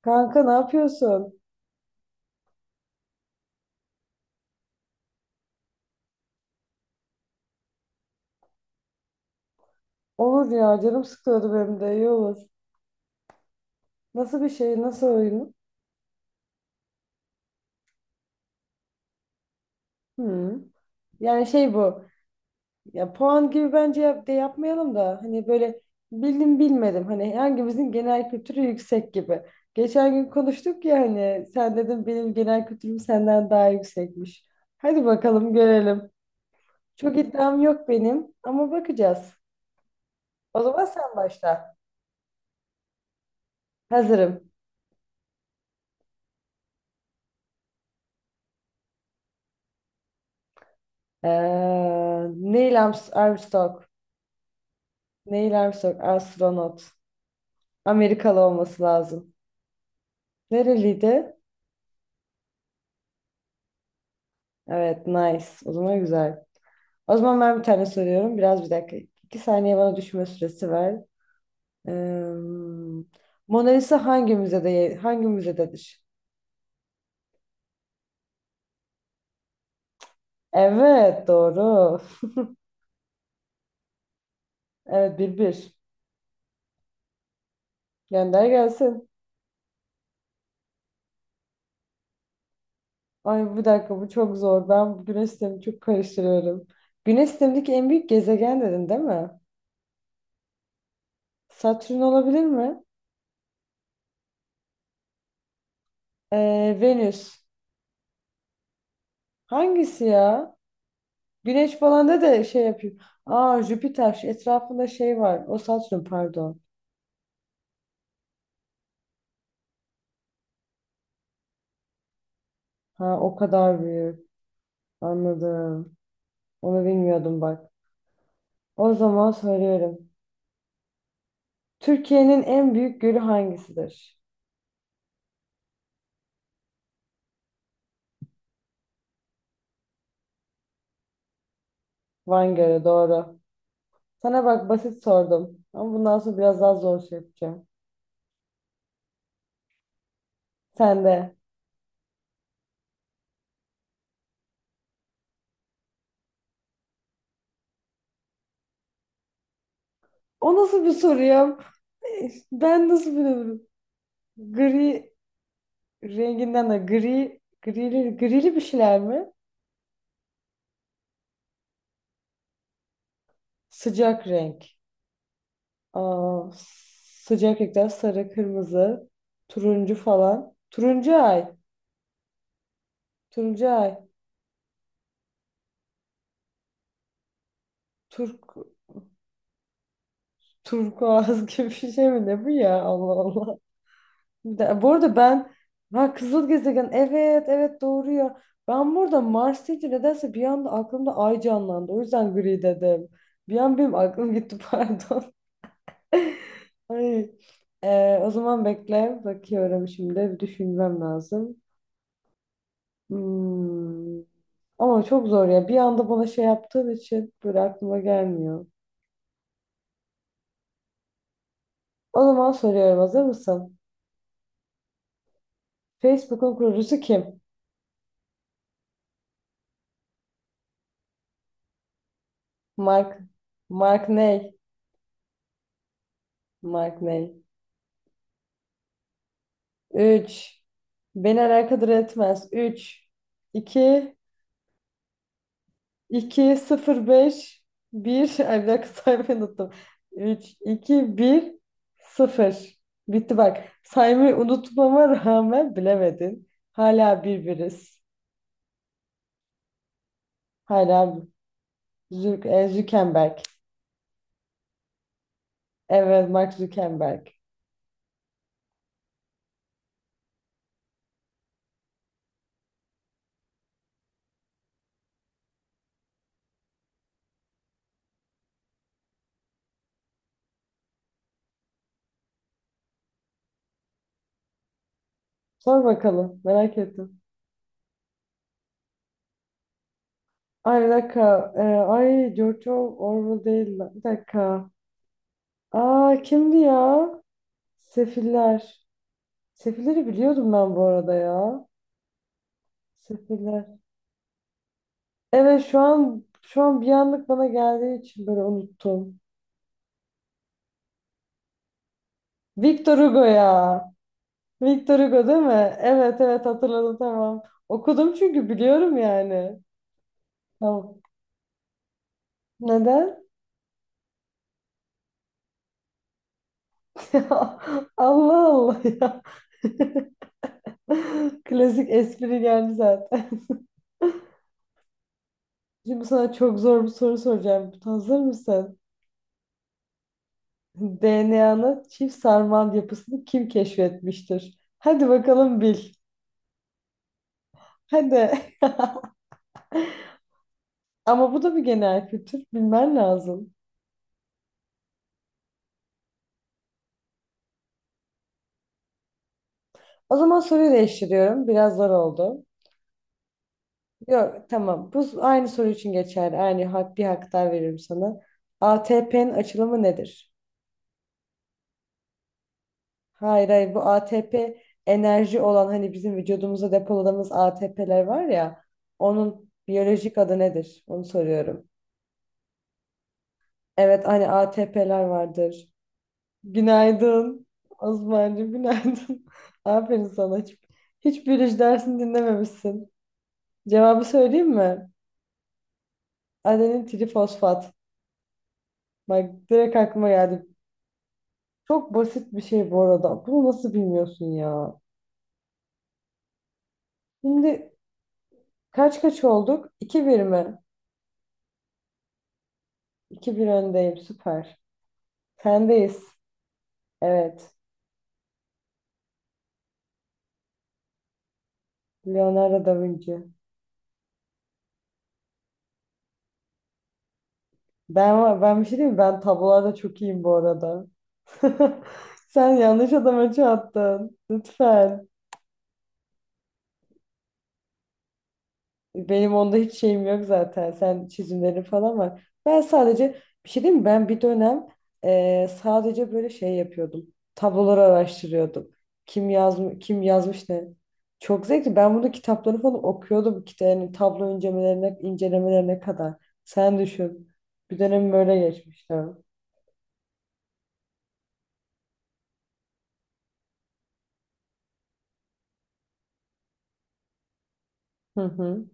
Kanka ne yapıyorsun? Olur ya canım sıkıyordu benim de iyi olur. Nasıl bir şey nasıl oyun? Hı. Yani şey bu ya puan gibi bence de yapmayalım da hani böyle bildim bilmedim hani hangimizin genel kültürü yüksek gibi. Geçen gün konuştuk ya hani sen dedin benim genel kültürüm senden daha yüksekmiş. Hadi bakalım görelim. Çok iddiam yok benim ama bakacağız. O zaman sen başla. Hazırım. Ee, Neil Armstrong. Neil Armstrong, astronot. Amerikalı olması lazım. Nereliydi? Evet, nice. O zaman güzel. O zaman ben bir tane soruyorum. Biraz bir dakika. İki saniye bana düşünme süresi ver. Ee, Mona Lisa hangi müzededir? Evet, doğru. Evet, 1-1. Gönder gelsin. Ay bir dakika bu çok zor. Ben bu güneş sistemini çok karıştırıyorum. Güneş sistemindeki en büyük gezegen dedin değil mi? Satürn olabilir mi? Venüs. Hangisi ya? Güneş falan da şey yapıyor. Aa, Jüpiter şu etrafında şey var. O Satürn pardon. Ha o kadar büyük. Anladım. Onu bilmiyordum bak. O zaman söylüyorum. Türkiye'nin en büyük gölü hangisidir? Van Gölü doğru. Sana bak basit sordum. Ama bundan sonra biraz daha zor şey yapacağım. Sen de. O nasıl bir soru ya? Ben nasıl biliyorum? Gri renginden de gri grili grili bir şeyler mi? Sıcak renk. Aa, sıcak renkler sarı, kırmızı, turuncu falan. Turuncu ay. Turuncu ay. Turk, turkuaz gibi bir şey mi ne bu ya? Allah Allah. Bu arada ben ha kızıl gezegen evet evet doğru ya. Ben burada Mars deyince nedense bir anda aklımda ay canlandı. O yüzden gri dedim. Bir an benim aklım gitti pardon. Ay. O zaman bekle. Bakıyorum şimdi. Bir düşünmem lazım. Hmm. Ama çok zor ya. Bir anda bana şey yaptığın için böyle aklıma gelmiyor. O zaman soruyorum, hazır mısın? Facebook'un kurucusu kim? Mark. Mark ney? Mark ney? Üç. Beni alakadar etmez. Üç iki iki sıfır beş 1. Ay bir dakika saymayı unuttum. Üç iki bir sıfır. Bitti bak. Saymayı unutmama rağmen bilemedin. Hala birbiriz. Hala Zuckerberg. Evet, Mark Zuckerberg. Sor bakalım, merak ettim. Ay bir dakika. Ay George Orwell değil. Lan. Bir dakika. Aa, kimdi ya? Sefiller. Sefilleri biliyordum ben bu arada ya. Sefiller. Evet, şu an bir anlık bana geldiği için böyle unuttum. Victor Hugo ya. Victor Hugo değil mi? Evet, evet, hatırladım tamam. Okudum çünkü biliyorum yani. Tamam. Neden? Ya Allah Allah ya. Klasik espri geldi zaten. Şimdi sana çok zor bir soru soracağım. Hazır mısın? DNA'nın çift sarmal yapısını kim keşfetmiştir? Hadi bakalım bil. Hadi. Ama bu da bir genel kültür. Bilmen lazım. O zaman soruyu değiştiriyorum. Biraz zor oldu. Yok tamam. Bu aynı soru için geçerli. Aynı hak, bir hak daha veririm sana. ATP'nin açılımı nedir? Hayır, hayır, bu ATP enerji olan hani bizim vücudumuzda depoladığımız ATP'ler var ya onun biyolojik adı nedir? Onu soruyorum. Evet hani ATP'ler vardır. Günaydın. Osman'cığım günaydın. Aferin sana. Hiç biyoloji dersini dinlememişsin. Cevabı söyleyeyim mi? Adenin trifosfat. Bak direkt aklıma geldi. Çok basit bir şey bu arada. Bunu nasıl bilmiyorsun ya? Şimdi kaç kaç olduk? 2-1 mi? 2 bir öndeyim. Süper. Sendeyiz. Evet. Leonardo da Vinci. Ben bir şey diyeyim mi? Ben tablolarda çok iyiyim bu arada. Sen yanlış adama çattın. Lütfen. Benim onda hiç şeyim yok zaten. Sen çizimlerin falan var. Ben sadece bir şey diyeyim mi? Ben bir dönem sadece böyle şey yapıyordum. Tabloları araştırıyordum. Kim yazmış, kim yazmış ne? Çok zevkli. Ben bunu kitapları falan okuyordum. Kitap, yani tablo incelemelerine kadar. Sen düşün. Bir dönem böyle geçmişti. Hı hı.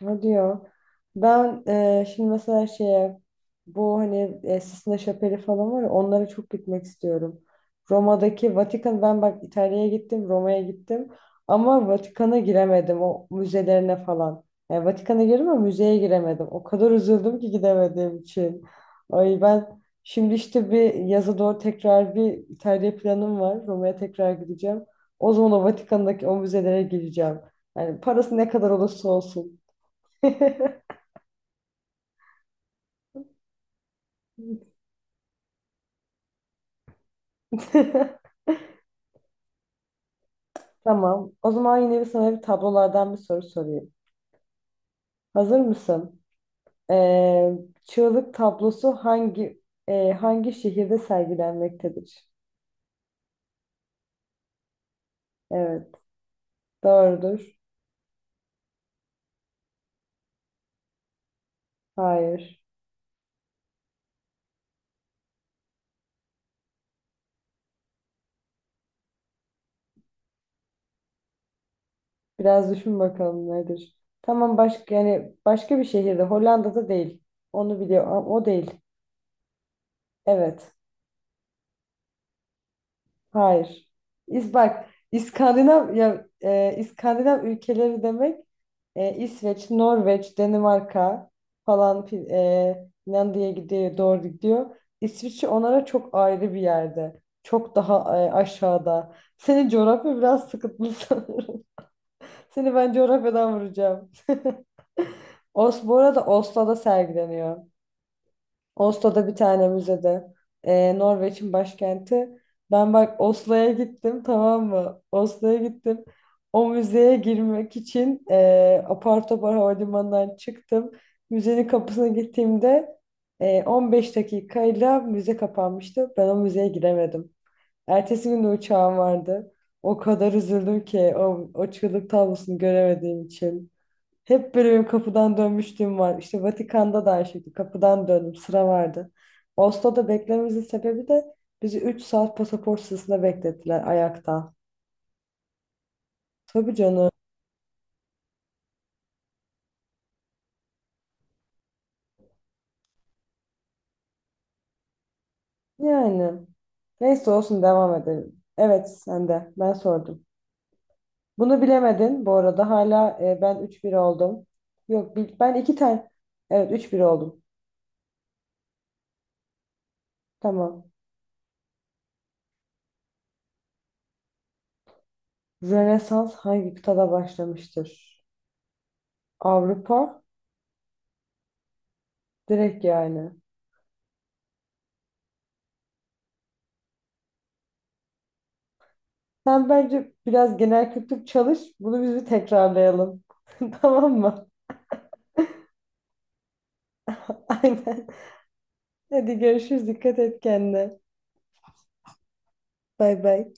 Ne diyor? Ben şimdi mesela şeye bu hani Sistine Şapeli falan var ya onlara çok gitmek istiyorum. Roma'daki Vatikan ben bak İtalya'ya gittim, Roma'ya gittim ama Vatikan'a giremedim o müzelerine falan. Yani Vatikan'a girdim ama müzeye giremedim. O kadar üzüldüm ki gidemediğim için. Ay ben şimdi işte bir yaza doğru tekrar bir İtalya planım var. Roma'ya tekrar gideceğim. O zaman o Vatikan'daki o müzelere gireceğim. Yani parası ne kadar olursa olsun. Tamam. O zaman yine bir sana bir tablolardan bir soru sorayım. Hazır mısın? Ee, Çığlık tablosu hangi şehirde sergilenmektedir? Evet. Doğrudur. Hayır. Biraz düşün bakalım nedir? Tamam başka yani başka bir şehirde. Hollanda'da değil. Onu biliyor. O değil. Evet. Hayır. Bak İskandinav ya İskandinav ülkeleri demek İsveç, Norveç, Danimarka falan Finlandiya'ya gidiyor, doğru gidiyor. İsviçre onlara çok ayrı bir yerde. Çok daha aşağıda. Senin coğrafya biraz sıkıntılı sanırım. Seni ben coğrafyadan vuracağım. Bu arada Oslo'da sergileniyor. Oslo'da bir tane müzede. Norveç'in başkenti. Ben bak Oslo'ya gittim tamam mı? Oslo'ya gittim. O müzeye girmek için apar topar havalimanından çıktım. Müzenin kapısına gittiğimde 15 dakikayla müze kapanmıştı. Ben o müzeye giremedim. Ertesi gün de uçağım vardı. O kadar üzüldüm ki o çığlık tablosunu göremediğim için. Hep böyle benim kapıdan dönmüşlüğüm var. İşte Vatikan'da da aynı şekilde kapıdan döndüm. Sıra vardı. Oslo'da beklememizin sebebi de bizi 3 saat pasaport sırasında beklettiler ayakta. Tabii canım. Yani. Neyse olsun devam edelim. Evet sen de. Ben sordum. Bunu bilemedin bu arada. Hala ben 3-1 oldum. Yok ben 2 tane. Evet 3-1 oldum. Tamam. Rönesans hangi kıtada başlamıştır? Avrupa. Direkt yani. Sen bence biraz genel kültür çalış. Bunu biz bir tekrarlayalım. Tamam mı? Aynen. Hadi görüşürüz. Dikkat et kendine. Bay bay.